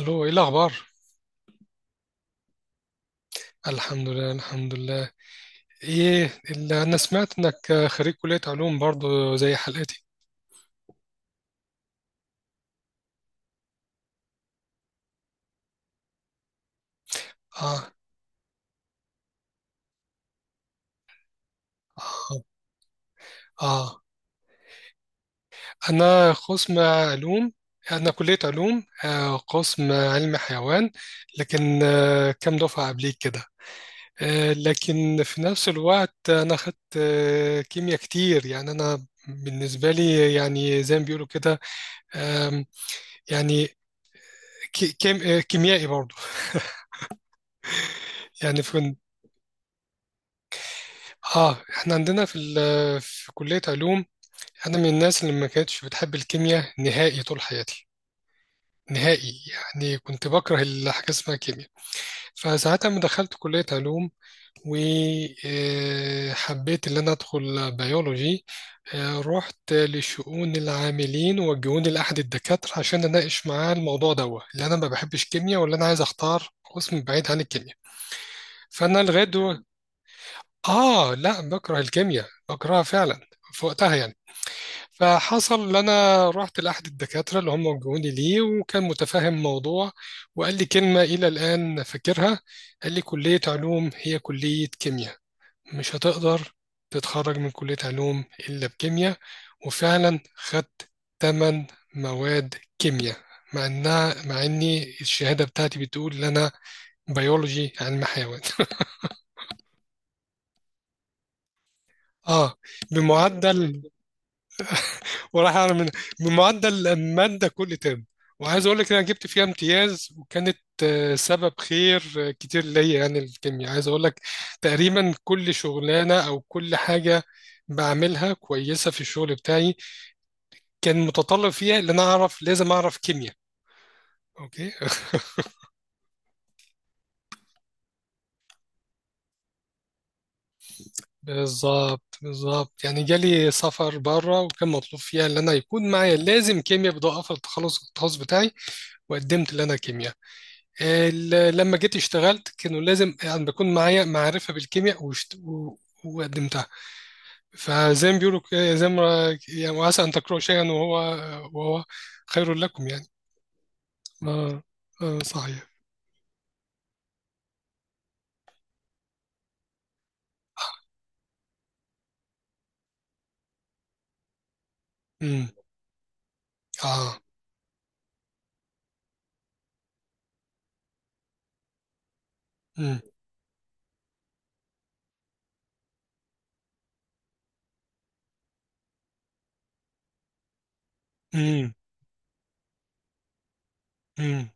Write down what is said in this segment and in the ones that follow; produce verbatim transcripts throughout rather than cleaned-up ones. الو، ايه الاخبار؟ الحمد لله، الحمد لله. ايه اللي انا سمعت انك خريج كلية علوم برضو زي حالاتي؟ اه. اه. اه. انا قسم علوم. انا كلية علوم، آه قسم علم حيوان، لكن آه كام دفعة قبليك كده. آه لكن في نفس الوقت انا خدت آه كيمياء كتير، يعني انا بالنسبة لي يعني زي ما بيقولوا كده. آم، يعني كي- كيم- آه، كيميائي برضو. يعني اه، احنا عندنا في ال- في كلية علوم. انا من الناس اللي ما كانتش بتحب الكيمياء نهائي طول حياتي، نهائي، يعني كنت بكره الحاجة اسمها كيمياء. فساعتها لما دخلت كلية علوم وحبيت ان انا ادخل بيولوجي، آه، رحت لشؤون العاملين ووجهوني لأحد الدكاترة عشان اناقش معاه الموضوع دوت اللي انا ما بحبش كيمياء، ولا انا عايز اختار قسم بعيد عن الكيمياء. فانا لغايه دو... آه لا، بكره الكيمياء، بكرهها فعلا في وقتها يعني. فحصل إن أنا رحت لأحد الدكاترة اللي هم وجهوني ليه، وكان متفاهم الموضوع، وقال لي كلمة إلى الآن فاكرها. قال لي كلية علوم هي كلية كيمياء، مش هتقدر تتخرج من كلية علوم إلا بكيمياء. وفعلا خدت تمن مواد كيمياء، مع إنها مع إني الشهادة بتاعتي بتقول إن أنا بيولوجي علم حيوان آه، بمعدل، وراح اعمل من من معدل الماده كل ترم. وعايز اقول لك ان انا جبت فيها امتياز، وكانت آه، سبب خير آه، كتير ليا. يعني الكيمياء، عايز اقول لك، تقريبا كل شغلانه او كل حاجه بعملها كويسه في الشغل بتاعي كان متطلب فيها ان انا اعرف، لازم اعرف كيمياء. اوكي. بالظبط، بالظبط. يعني جالي سفر بره وكان مطلوب فيها ان انا يكون معايا لازم كيمياء بدون في التخلص التخصص بتاعي، وقدمت ان انا كيمياء. ال- لما جيت اشتغلت كانوا لازم يعني بكون معايا معرفة بالكيمياء وشت... و... وقدمتها. فزي ما بيقولوا، ك- زي ما يعني، وعسى أن تكرهوا شيئا وهو وهو خير لكم، يعني. اه، آه صحيح. امم. اه. امم. امم. امم.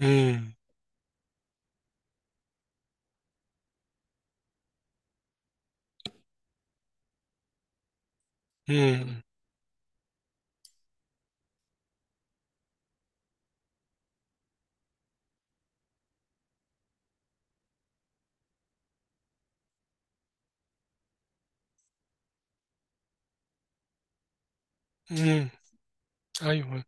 امم. امم. أمم. ايوه.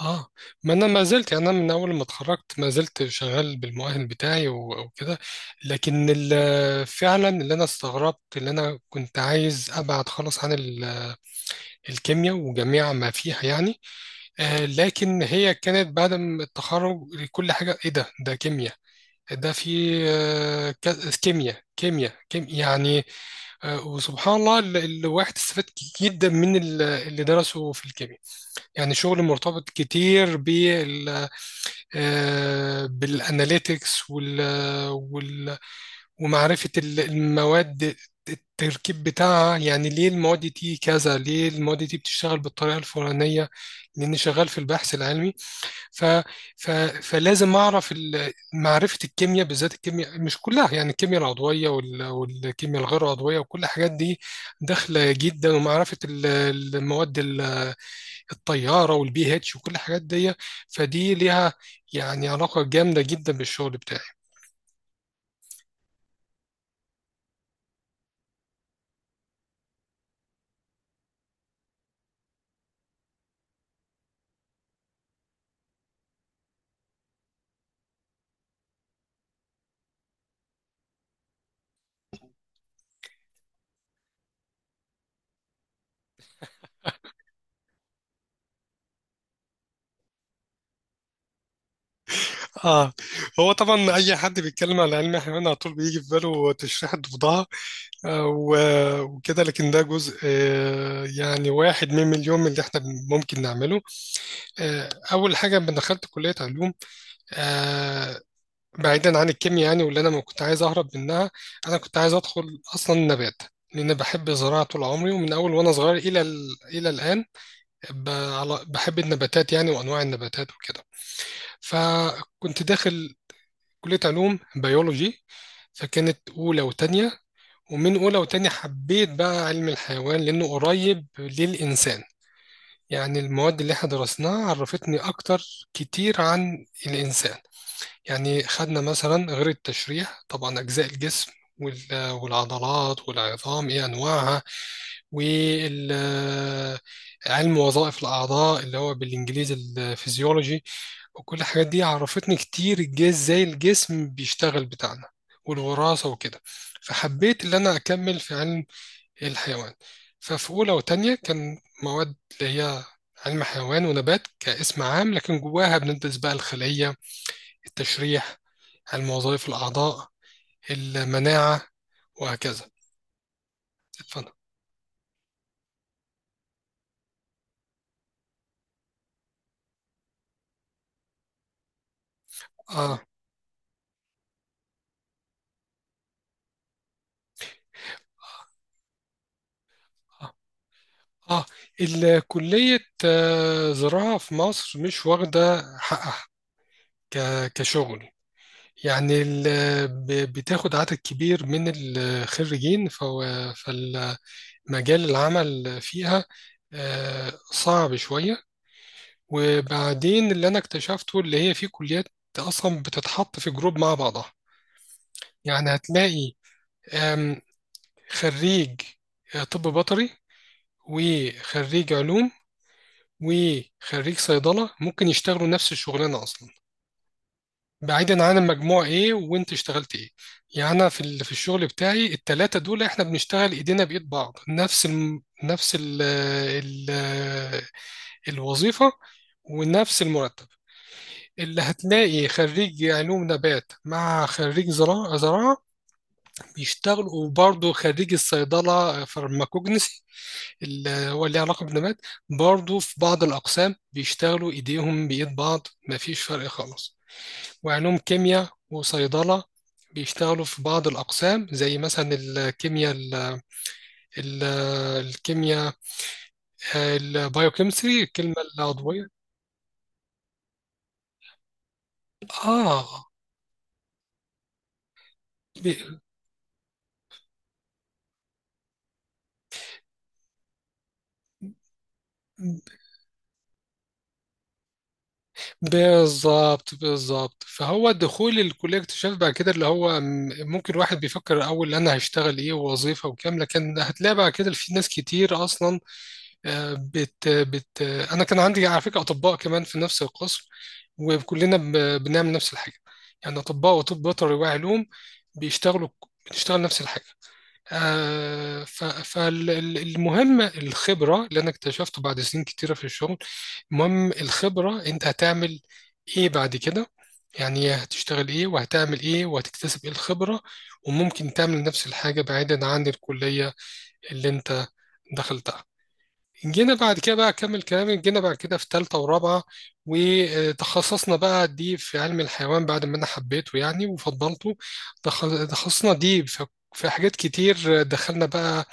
اه. ما انا ما زلت، يعني انا من اول ما اتخرجت ما زلت شغال بالمؤهل بتاعي و- وكده. لكن ال- فعلا اللي انا استغربت، اللي انا كنت عايز ابعد خالص عن ال- الكيمياء وجميع ما فيها يعني. آه، لكن هي كانت بعد ما التخرج، كل حاجه ايه؟ ده ده كيمياء، ده في آه، ك- كيمياء، كيمياء، كيمياء يعني. آه، وسبحان الله، ال- الواحد استفاد جدا من ال- اللي درسه في الكيمياء. يعني شغل مرتبط كتير بال بالاناليتكس وال وال ومعرفه ال- المواد، التركيب بتاعها، يعني ليه المواد دي كذا، ليه المواد دي بتشتغل بالطريقه الفلانيه. لاني شغال في البحث العلمي، ف ف فلازم اعرف ال- معرفه الكيمياء، بالذات الكيمياء مش كلها يعني، الكيمياء العضويه وال- والكيمياء الغير عضويه وكل الحاجات دي داخله جدا. ومعرفه ال- المواد ال- الطياره والبي اتش وكل الحاجات دي، فدي ليها يعني علاقه جامده جدا بالشغل بتاعي. اه، هو طبعا اي حد بيتكلم على علم الحيوان على طول بيجي في باله تشريح الضفدعه، آه، و- وكده، لكن ده جزء، آه، يعني واحد من مليون من اللي احنا ممكن نعمله. آه، اول حاجه لما دخلت كليه علوم، آه، بعيدا عن الكيمياء يعني، واللي انا ما كنت عايز اهرب منها، انا كنت عايز ادخل اصلا نبات، لان بحب الزراعه طول عمري، ومن اول وانا صغير الى ال- الى الان ب- على- بحب النباتات يعني وانواع النباتات وكده. فكنت داخل كليه علوم بيولوجي. فكانت اولى وتانية، ومن اولى وتانية حبيت بقى علم الحيوان لانه قريب للانسان. يعني المواد اللي احنا درسناها عرفتني اكتر كتير عن الانسان. يعني خدنا مثلا، غير التشريح طبعا، اجزاء الجسم وال- والعضلات والعظام ايه انواعها، وعلم وظائف الأعضاء اللي هو بالإنجليزي الفيزيولوجي، وكل الحاجات دي عرفتني كتير الجسم ازاي، الجسم بيشتغل بتاعنا، والوراثة وكده. فحبيت إن أنا أكمل في علم الحيوان. ففي أولى وتانية كان مواد اللي هي علم حيوان ونبات كاسم عام، لكن جواها بندرس بقى الخلية، التشريح، علم وظائف الأعضاء، المناعة، وهكذا. اتفضل. اه. اه. الكلية، آه، زراعة في مصر مش واخدة حقها ك- كشغل، يعني ال- ب- بتاخد عدد كبير من الخريجين، فهو- فالمجال العمل فيها آه، صعب شوية. وبعدين اللي أنا اكتشفته اللي هي في كليات أصلا بتتحط في جروب مع بعضها. يعني هتلاقي آم، خريج آه، طب بيطري، وخريج علوم، وخريج صيدلة، ممكن يشتغلوا نفس الشغلانة أصلا، بعيدا عن المجموع إيه وأنت اشتغلت إيه. يعني أنا في ال- في الشغل بتاعي التلاتة دول إحنا بنشتغل إيدينا بإيد بعض، نفس ال نفس ال ال الوظيفة ونفس المرتب. اللي هتلاقي خريج علوم نبات مع خريج زراعة زراعة بيشتغلوا، وبرضه خريج الصيدلة فارماكوجنسي اللي هو ليه علاقة بالنبات، برضو في بعض الأقسام بيشتغلوا إيديهم بإيد بعض، مفيش فرق خالص. وعلوم كيمياء وصيدلة بيشتغلوا في بعض الأقسام، زي مثلا الكيمياء ال ال الكيمياء البايوكيمستري، الكلمة العضوية. آه ب- بالظبط، بالظبط. فهو دخول الكلية اكتشاف بعد كده، اللي هو م- ممكن واحد بيفكر الأول أنا هشتغل إيه، ووظيفة، وكام، لكن هتلاقي بعد كده في ناس كتير أصلا، آه، بت بت انا كان عندي على فكره اطباء كمان في نفس القسم، وكلنا ب- بنعمل نفس الحاجه. يعني اطباء وطب بيطري وعلوم بيشتغلوا، بتشتغل نفس الحاجه. آه، ف- فالمهم الخبره، اللي انا اكتشفته بعد سنين كتيره في الشغل، المهم الخبره. انت هتعمل ايه بعد كده؟ يعني هتشتغل ايه، وهتعمل ايه، وهتكتسب ايه الخبره. وممكن تعمل نفس الحاجه بعيدا عن الكليه اللي انت دخلتها. جينا بعد كده بقى، أكمل كلامي، جينا بعد كده في تالتة ورابعة وتخصصنا بقى دي في علم الحيوان بعد ما أنا حبيته يعني وفضلته. تخ- تخصصنا دي في، في حاجات كتير دخلنا بقى،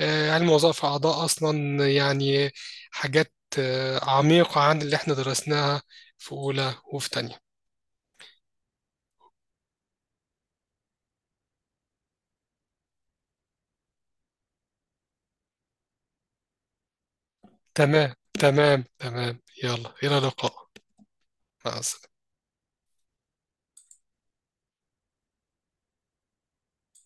آه، علم وظائف أعضاء أصلا يعني، حاجات آه، عميقة عن اللي احنا درسناها في أولى وفي تانية. تمام، تمام، تمام، يلا، إلى اللقاء. مع السلامة.